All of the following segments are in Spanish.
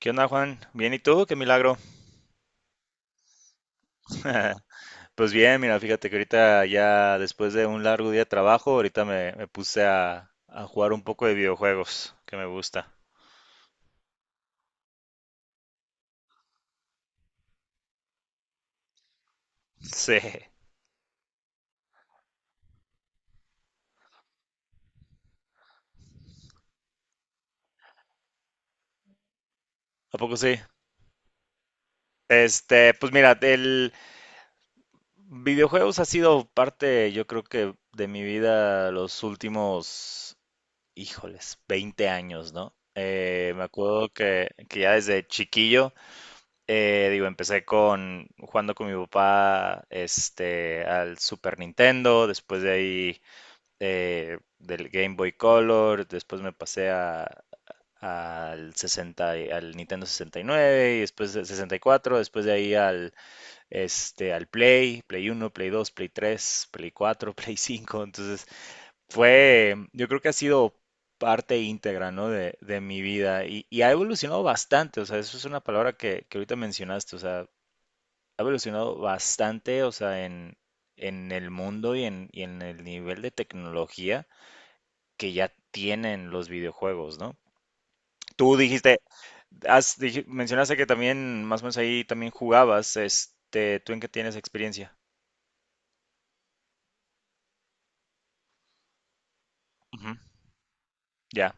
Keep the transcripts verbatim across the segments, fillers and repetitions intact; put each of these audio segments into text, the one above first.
¿Qué onda, Juan? Bien, ¿y tú? Qué milagro. Pues bien, mira, fíjate que ahorita ya después de un largo día de trabajo, ahorita me, me puse a, a jugar un poco de videojuegos, que me gusta. Sí, ¿a poco sí? Este, pues mira, el videojuegos ha sido parte, yo creo que de mi vida los últimos, híjoles, veinte años, ¿no? Eh, me acuerdo que, que ya desde chiquillo. Eh, digo, empecé con jugando con mi papá, este, al Super Nintendo. Después de ahí, eh, del Game Boy Color, después me pasé a- al sesenta, y- al Nintendo sesenta y nueve, y nueve, y después al sesenta y cuatro. Después de ahí al, este, al Play, Play uno, Play dos, Play tres, Play cuatro, Play cinco. Entonces fue, yo creo que ha sido parte íntegra, ¿no?, de, de mi vida, y, y ha evolucionado bastante. O sea, eso es una palabra que, que ahorita mencionaste. O sea, ha evolucionado bastante, o sea, en, en el mundo y en, y en el nivel de tecnología que ya tienen los videojuegos, ¿no? Tú dijiste, has, dij- mencionaste que también, más o menos ahí también jugabas, este, ¿tú en qué tienes experiencia? Ujú. Ya,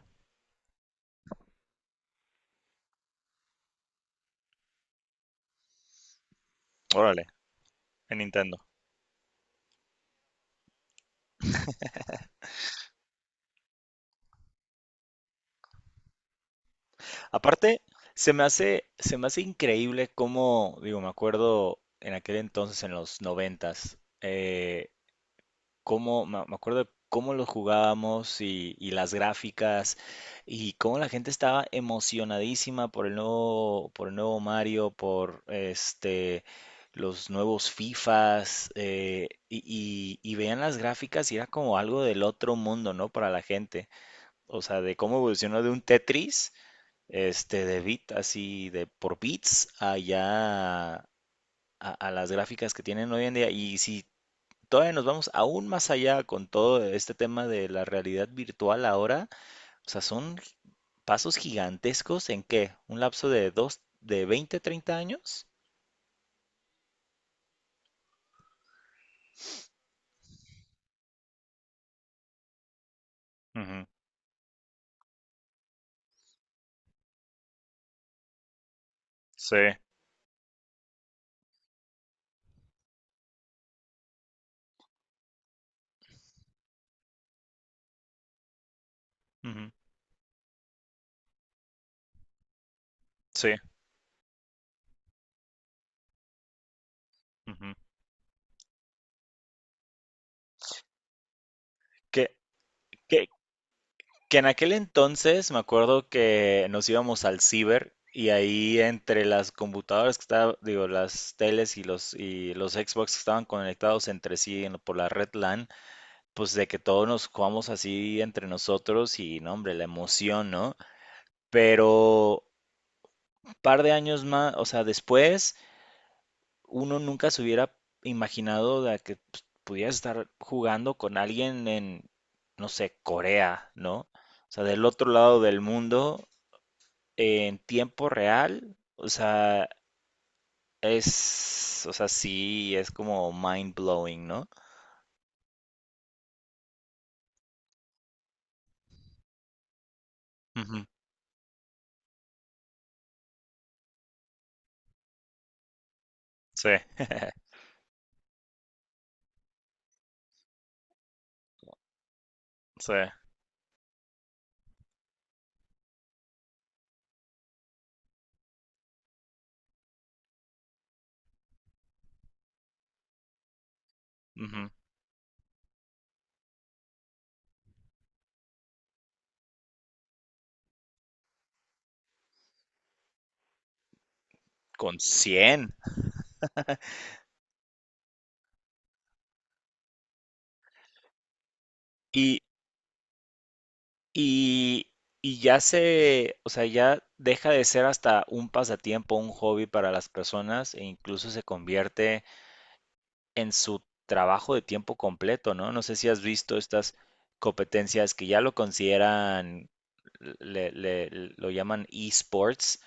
órale, en Nintendo. Aparte, se me hace, se me hace increíble cómo, digo, me acuerdo en aquel entonces, en los noventas, eh, cómo, me me acuerdo de cómo lo jugábamos, y, y las gráficas, y cómo la gente estaba emocionadísima por el nuevo, por el nuevo Mario, por este, los nuevos FIFAs, eh, y, y- y veían las gráficas y era como algo del otro mundo, ¿no? Para la gente. O sea, de cómo evolucionó de un Tetris, este, de bit, así, de por bits, allá a, a las gráficas que tienen hoy en día. Y si, todavía nos vamos aún más allá con todo este tema de la realidad virtual ahora. O sea, son pasos gigantescos en ¿qué? ¿Un lapso de dos, de veinte, treinta años? Ujú. Sí, ujú, sí. Ujú. Que, que, que en aquel entonces me acuerdo que nos íbamos al ciber, y ahí entre las computadoras que estaban, digo, las teles y los, y los Xbox que estaban conectados entre sí en- por la red LAN, pues de que todos nos jugamos así entre nosotros, y no, hombre, la emoción, ¿no? Pero un par de años más, o sea, después, uno nunca se hubiera imaginado de que pues, pudieras estar jugando con alguien en, no sé, Corea, ¿no? O sea, del otro lado del mundo, en tiempo real. O sea, es, o sea, sí, es como mind blowing, ¿no? Ujú. Sí, sí. Ujú. Con cien. Y, y ya se, o sea, ya deja de ser hasta un pasatiempo, un hobby para las personas, e incluso se convierte en su trabajo de tiempo completo, ¿no? No sé si has visto estas competencias que ya lo consideran, le- le- lo llaman esports,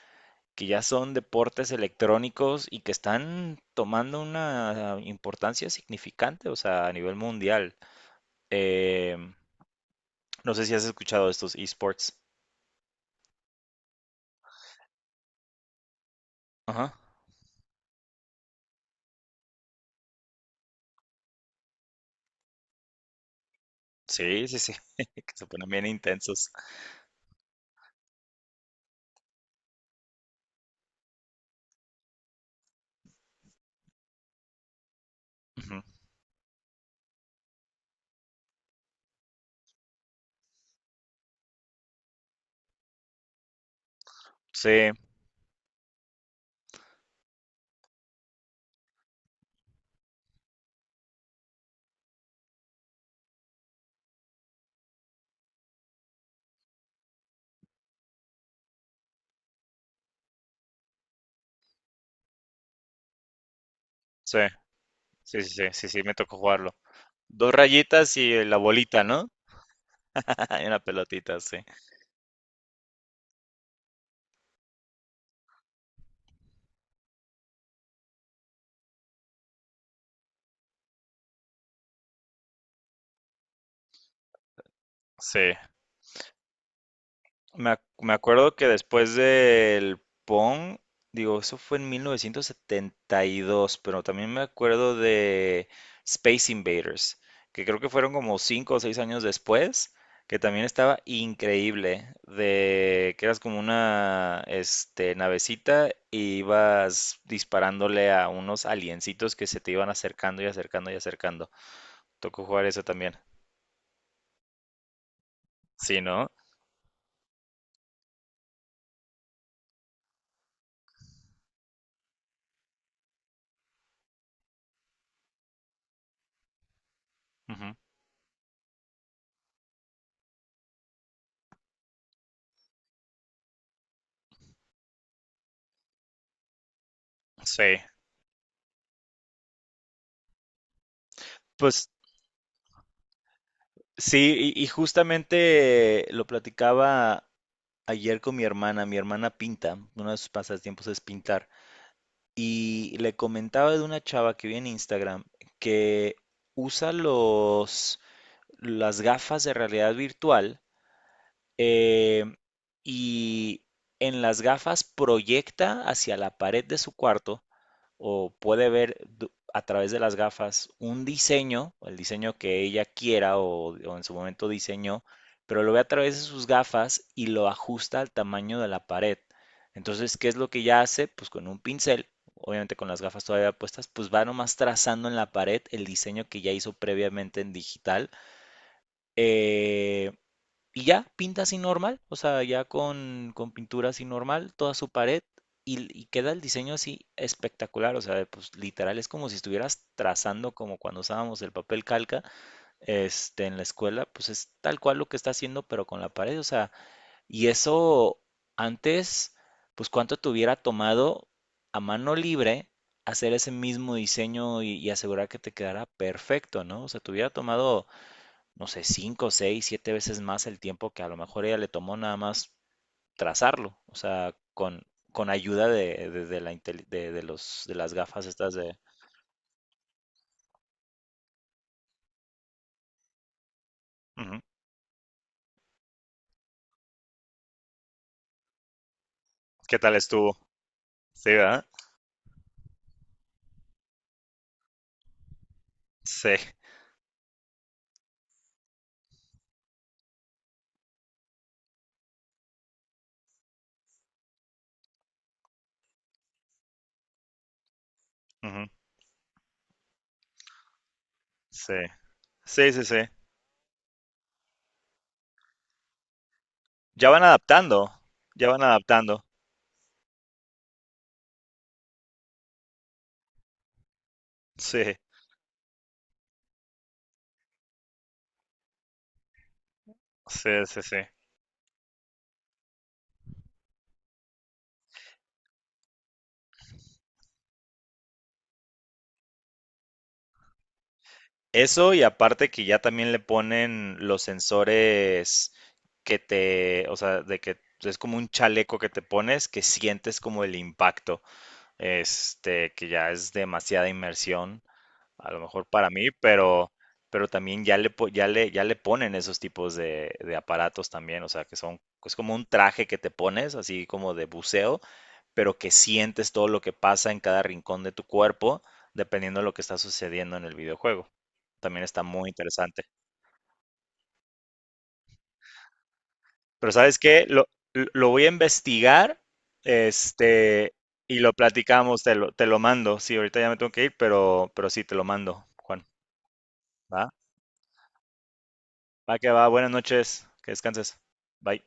que ya son deportes electrónicos y que están tomando una importancia significante, o sea, a nivel mundial. Em, no sé si has escuchado de estos esports. Sí, sí, sí, que se ponen bien intensos. Ujú. Sí, sí, sí, sí, sí, sí, sí, me tocó jugarlo. Dos rayitas y la bolita, ¿no? Y una pelotita, sí. Sí, Me, ac- me acuerdo que después del Pong, digo, eso fue en mil novecientos setenta y dos, pero también me acuerdo de Space Invaders, que creo que fueron como cinco o seis años después, que también estaba increíble, de que eras como una, este, navecita, y ibas disparándole a unos aliencitos que se te iban acercando y acercando y acercando. Tocó jugar eso también. Sí, ¿no? Ujú. Sí. Pues sí, y, y justamente lo platicaba ayer con mi hermana. Mi hermana pinta, uno de sus pasatiempos es pintar. Y le comentaba de una chava que vi en Instagram que usa los, las gafas de realidad virtual, eh, y en las gafas proyecta hacia la pared de su cuarto, o puede ver a través de las gafas un diseño, el diseño que ella quiera o, o en su momento diseñó, pero lo ve a través de sus gafas y lo ajusta al tamaño de la pared. Entonces, ¿qué es lo que ella hace? Pues con un pincel, obviamente con las gafas todavía puestas, pues va nomás trazando en la pared el diseño que ya hizo previamente en digital. Eh, y ya, pinta así normal, o sea, ya con, con pintura así normal, toda su pared, y, y queda el diseño así espectacular. O sea, pues literal es como si estuvieras trazando como cuando usábamos el papel calca, este, en la escuela. Pues es tal cual lo que está haciendo, pero con la pared. O sea, y eso antes, pues cuánto te hubiera tomado a mano libre hacer ese mismo diseño, y, y asegurar que te quedara perfecto, ¿no? O sea, te hubiera tomado no sé, cinco, seis, siete veces más el tiempo que a lo mejor ella le tomó nada más trazarlo. O sea, con, con ayuda de, de, de la, intel- de, de los, de las gafas estas de... Ujú. ¿Qué tal estuvo? Sí, ¿verdad? Sí, sí. Ya no. Sí, sí, sí, sí. Eso, y aparte que ya también le ponen los sensores que te, o sea, de que es como un chaleco que te pones que sientes como el impacto, este, que ya es demasiada inmersión a lo mejor para mí, pero, pero también ya le, po- ya le, ya le ponen esos tipos de, de aparatos también. O sea, que son, es como un traje que te pones, así como de buceo, pero que sientes todo lo que pasa en cada rincón de tu cuerpo, dependiendo de lo que está sucediendo en el videojuego. También está muy interesante. Pero ¿sabes qué? Lo, lo- lo voy a investigar, este, y lo platicamos, te lo, te lo mando. Sí, ahorita ya me tengo que ir, pero, pero sí, te lo mando, Juan. ¿Va? Va que va, buenas noches, que descanses. Bye.